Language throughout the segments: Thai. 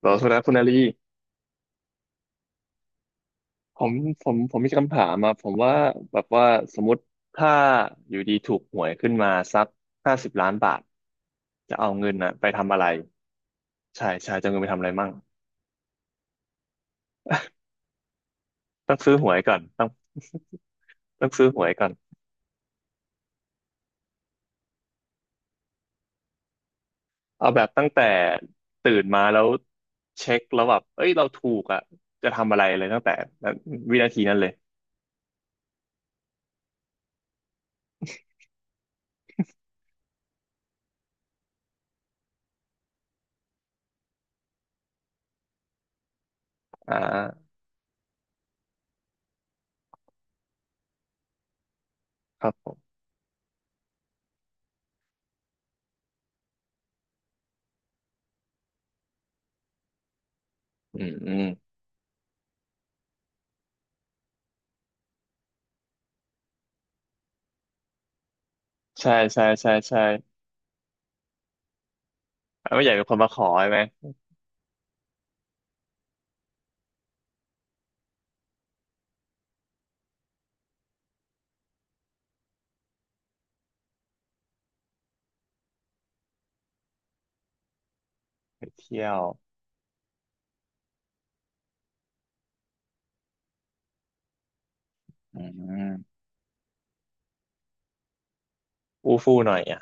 เหรอโทษนะคุณอาลีผมผมมีคำถามมาผมว่าแบบว่าสมมติถ้าอยู่ดีถูกหวยขึ้นมาสัก50 ล้านบาทจะเอาเงินน่ะไปทำอะไรใช่ใช่จะเอาเงินไปทำอะไรมั่งต้องซื้อหวยก่อนต้อง ต้องซื้อหวยก่อนเอาแบบตั้งแต่ตื่นมาแล้วเช็คแล้วแบบเอ้ยเราถูกอ่ะจะทำอะไรเลยตั้งแต่วินาทีนั้นเลยอ่าครับผมอืมอืมใช่ใช่ใช่ใช่ไม่อยากเป็นคนมาขอใช่ไหมไปเที่ยวอืม อู้ฟู่หน่อยอ่ะ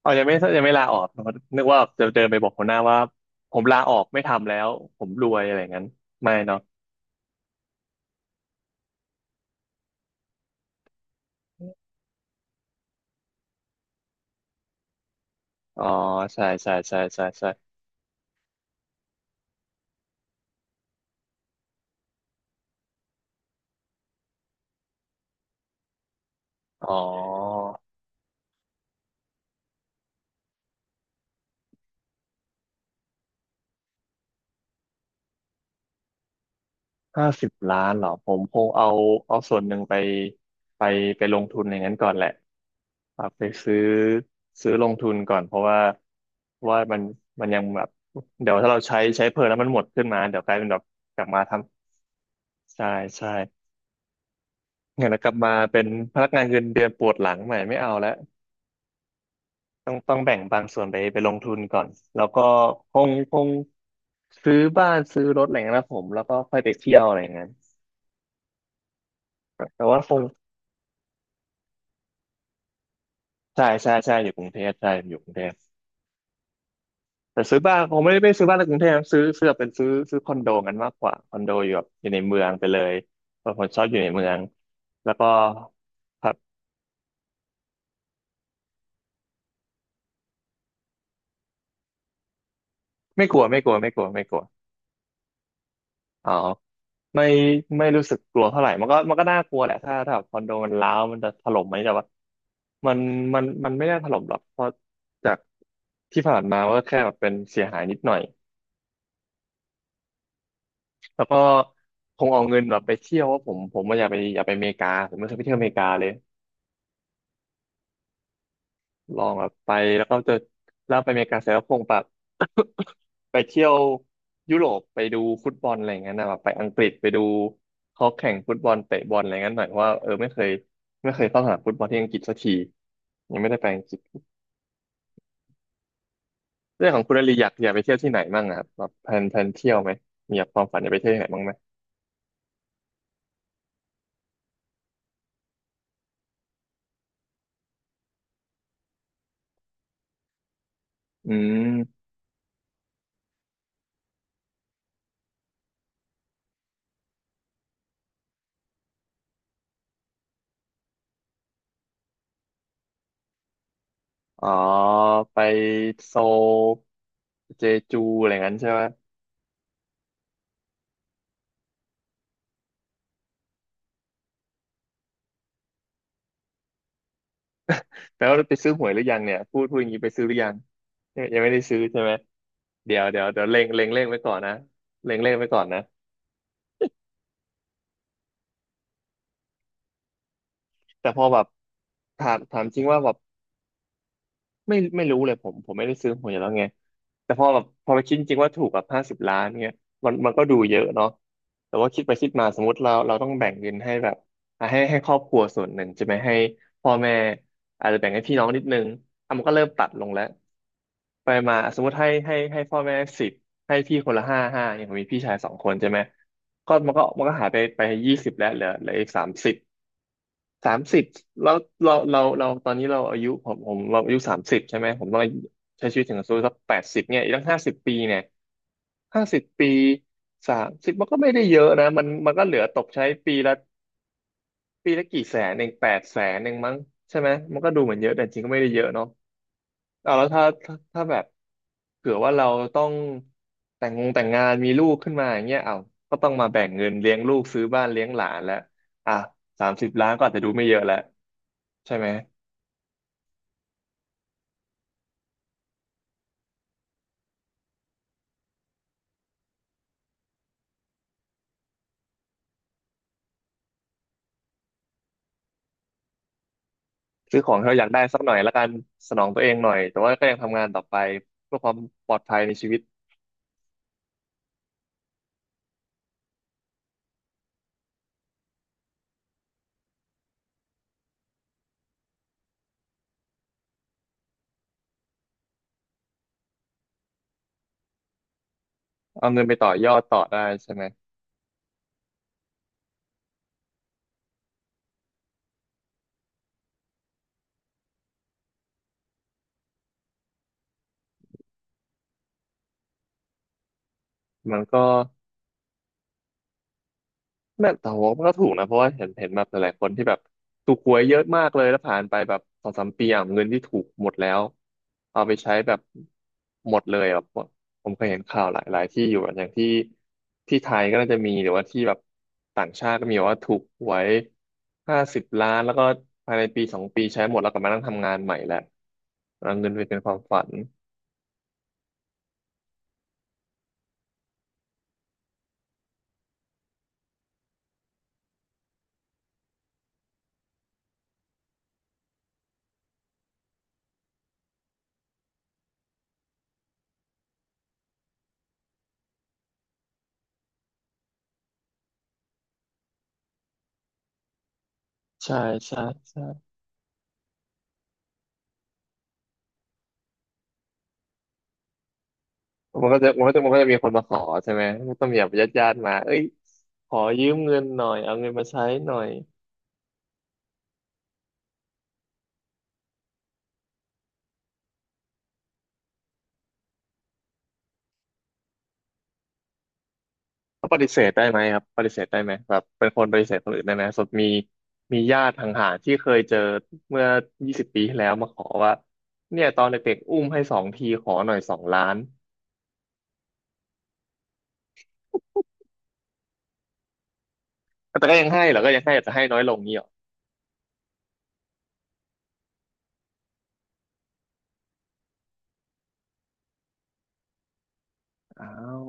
เอายังไม่ลาออกเนอะนึกว่าจะเดินไปบอกหัวหน้าว่าผมลาออกไม่ทำแล้วผมรวยอะไรงั้นไม่เนาะอ๋อใช่ใช่ใช่ใช่ใช่อ๋อห้าสิบล้านเหรอผมคงเอาส่วนหนึ่งไปไปลงทุนอย่างนั้นก่อนแหละเอาไปซื้อลงทุนก่อนเพราะว่ามันยังแบบเดี๋ยวถ้าเราใช้เพลินแล้วมันหมดขึ้นมาเดี๋ยวกลายเป็นแบบกลับมาทำใช่ใช่ เนี่ยนะกลับมาเป็นพนักงานเงินเดือนปวดหลังใหม่ไม่เอาแล้วต้องแบ่งบางส่วนไปลงทุนก่อนแล้วก็คงซื้อบ้านซื้อรถอะไรเงี้ยนะผมแล้วก็ค่อยไปเที่ยวอะไรเงี้ยแต่ว่าคงใช่ใช่ใช่อยู่กรุงเทพใช่อยู่กรุงเทพแต่ซื้อบ้านคงไม่ได้ไปซื้อบ้านในกรุงเทพซื้อเป็นซื้อคอนโดกันมากกว่าคอนโดอยู่แบบอยู่ในเมืองไปเลยเพราะผมชอบอยู่ในเมืองแล้วก็ครับไม่กลัวไม่กลัวไม่กลัวไม่กลัว อ๋อไม่ไม่รู้สึกกลัวเท่าไหร่มันก็น่ากลัวแหละถ้าคอนโดมันร้าวมันจะถล่มไหมแต่ว่ามันมันไม่ได้ถล่มหรอกเพราะจากที่ผ่านมาก็แค่แบบเป็นเสียหายนิดหน่อยแล้วก็คงเอาเงินแบบไปเที่ยวว่าผมว่าอยากไปอเมริกาผมไม่เคยไปเที่ยวอเมริกาเลยลองแบบไปแล้วก็จะแล้วไปอเมริกาเสร็จแล้วคงแบบ ไปเที่ยวยุโรปไปดูฟุตบอลอะไรอย่างเงี้ยนะแบบไปอังกฤษไปดูเขาแข่งฟุตบอลเตะบอลอะไรเงี้ยหน่อยเพราะว่าไม่เคยเข้าสนามฟุตบอลที่อังกฤษสักทียังไม่ได้ไปอังกฤษเรื่องของคุณอลีอยากไปเที่ยวที่ไหนมั่งอะครับแบบแพลนเที่ยวไหมมีแบบความฝันอยากไปเที่ยวที่ไหนบ้างไหมอืมอ๋อไปโซลเจจูอะไรงั้นใช่ไหมแปลว่าไปซื้อหวยหรือยังเนี่ยพูดอย่างนี้ไปซื้อหรือยังยังไม่ได้ซื้อใช่ไหมเดี๋ยวเล็งไว้ก่อนนะเล็งไว้ก่อนนะ แต่พอแบบถามจริงว่าแบบไม่รู้เลยผมไม่ได้ซื้อหวยอยู่แล้วไงแต่พอแบบพอไปคิดจริงว่าถูกแบบห้าสิบล้านเนี่ยมันก็ดูเยอะเนาะแต่ว่าคิดไปคิดมาสมมติเราต้องแบ่งเงินให้แบบอ่ะให้ครอบครัวส่วนหนึ่งจะไหมให้พ่อแม่อาจจะแบ่งให้พี่น้องนิดนึงอ่ะมันก็เริ่มตัดลงแล้วไปมาสมมติให้พ่อแม่สิบให้พี่คนละห้าอย่างผมมีพี่ชายสองคนใช่ไหมก็มันก็หายไป20แล้วเหลืออีกสามสิบ สามสิบแล้วเราตอนนี้เราอายุผมเราอายุสามสิบใช่ไหมผมต้องใช้ชีวิตถึงอายุสัก80เนี่ยอีกตั้งห้าสิบปีเนี่ยห้าสิบปีสามสิบมันก็ไม่ได้เยอะนะมันก็เหลือตกใช้ปีละกี่แสนเอง800,000เองมั้งใช่ไหมมันก็ดูเหมือนเยอะแต่จริงก็ไม่ได้เยอะเนาะเอาแล้วถ้าแบบเผื่อว่าเราต้องแต่งงานมีลูกขึ้นมาอย่างเงี้ยเอาก็ต้องมาแบ่งเงินเลี้ยงลูกซื้อบ้านเลี้ยงหลานแล้วอ่ะ30 ล้านก็อาจจะดูไม่เยอะแล้วใช่ไหม ซื้อของที่เราอยากได้สักหน่อยละกันสนองตัวเองหน่อยแต่ว่าก็ยังทำงานต่อไปเพื่อความปลอดภัยในชีวิตเอาเงินไปต่อยอดต่อได้ใช่ไหมมันก็ แม่แต่ว่ามันก็ถูกนะเพราะว่าเห็นแบบหลายๆคนที่แบบถูกหวยเยอะมากเลยแล้วผ่านไปแบบสองสามปีอ่ะเงินที่ถูกหมดแล้วเอาไปใช้แบบหมดเลยอ่ะผมเคยเห็นข่าวหลายที่อยู่อะอย่างที่ที่ไทยก็น่าจะมีหรือว่าที่แบบต่างชาติก็มีว่าถูกหวย50 ล้านแล้วก็ภายในปีสองปีใช้หมดแล้วกลับมานั่งทำงานใหม่แหละเอาเงินไปเป็นความฝันใช่ใช่ใช่ มันก็จะมีคนมาขอใช่ไหมมันต้องมีแบบญาติมาเอ้ยขอยืมเงินหน่อยเอาเงินมาใช้หน่อยเขาปฏิเสธได้ไหมครับปฏิเสธได้ไหมแบบเป็นคนปฏิเสธคนอื่นได้ไหมสมมติมีญาติห่างๆที่เคยเจอเมื่อ20 ปีที่แล้วมาขอว่าเนี่ยตอนเด็กๆอุ้มให้สองทีขอหน่อย2 ล้านแต่ก็ยังให้เหรอก็ยังให้แต่ให้น้อยลงนี่หรออ้าว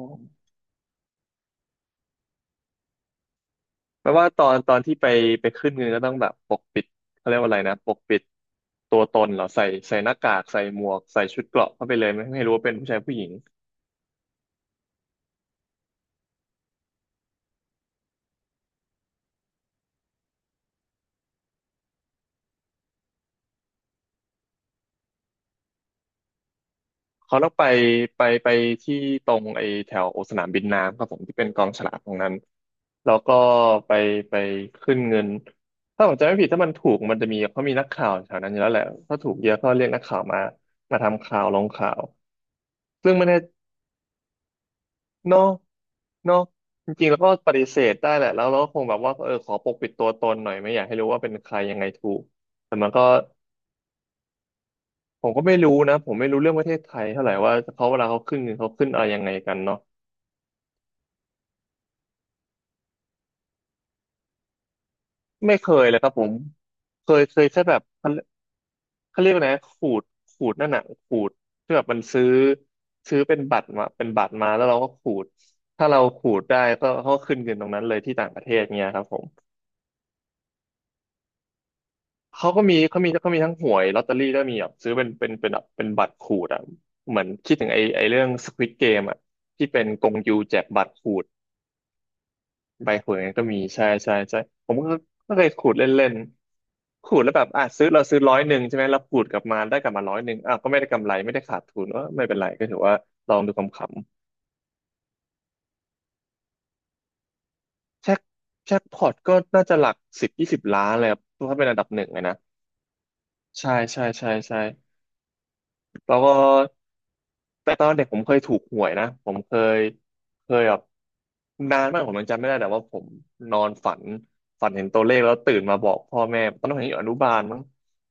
แปลว่าตอนที่ไปขึ้นเงินก็ต้องแบบปกปิดเขาเรียกว่าอะไรนะปกปิดตัวตนเหรอใส่หน้ากากใส่หมวกใส่ชุดเกราะเข้าไปเลยไม่รู้ว่าเป็นผู้ชายผู้หญิงเขาต้องไปไปไปที่ตรงไอ้แถวสนามบินน้ำครับผมที่เป็นกองฉลากตรงนั้นแล้วก็ไปไปขึ้นเงินถ้าผมจำไม่ผิดถ้ามันถูกมันจะมีเขามีนักข่าวแถวนั้นอยู่แล้วแหละถ้าถูกเยอะก็เรียกนักข่าวมามาทำข่าวลงข่าวซึ่งไม่แน่ เนาะเนาะจริงๆแล้วก็ปฏิเสธได้แหละแล้วเราก็คงแบบว่าเออขอปกปิดตัวตนหน่อยไม่อยากให้รู้ว่าเป็นใครยังไงถูกแต่มันก็ผมก็ไม่รู้นะผมไม่รู้เรื่องประเทศไทยเท่าไหร่ว่าเขาเวลาเขาขึ้นเงินเขาขึ้นอะไรยังไงกันเนาะไม่เคยเลยครับผมเคยแค่แบบเขาเรียกว่าไงขูดขูดนั่นน่ะขูดที่แบบมันซื้อซื้อเป็นบัตรมาแล้วเราก็ขูดถ้าเราขูดได้ก็เขาก็ขึ้นเงินตรงนั้นเลยที่ต่างประเทศเงี้ยครับผม เขาก็มีเขามีทั้งหวยลอตเตอรี่ก็มีแบบซื้อเป็นบัตรขูดอ่ะเหมือนคิดถึงไอ้เรื่อง Squid Game อ่ะที่เป็นกงยูแจกบัตรขูดใบหวยก็มี ใช่ใช่ใช่ผมก็เคยขูดเล่นๆ ขูดแล้วแบบอ่ะซื้อร้อยหนึ่งใช่ไหมเราขูดกลับมาได้กลับมาร้อยหนึ่งอ่ะก็ไม่ได้กำไรไม่ได้ขาดทุนว่าไม่เป็นไรก็ถือว่าลองดูคำๆแจ็คพอตก็น่าจะหลัก10-20 ล้านเลยครับถ้าเป็นอันดับหนึ่งเลยนะใช่ใช่ใช่ใช่แล้วก็ แต่ตอนเด็กผมเคยถูกหวยนะ ผมเคยแบบนานมากผมยังจำไม่ได้แต่ว่าผมนอนฝันเห็นตัวเลขแล้วตื่นมาบอกพ่อแม่ตอนนั้นผมอยู่อนุบาลมั้ง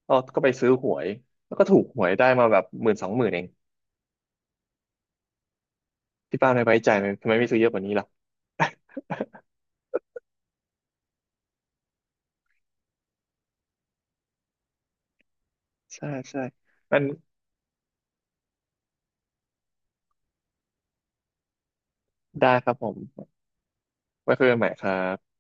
ก็ไปซื้อหวยแล้วก็ถูกหวยได้มาแบบหมื่น2 หมื่นเองที่ป้าไม่ไว้ใจไหมทำไมไม่ซื้อเยอะกว่านี้ล่ะ ใช่ใช่มันได้ครับผมไว้คุยกันใหม่ครับ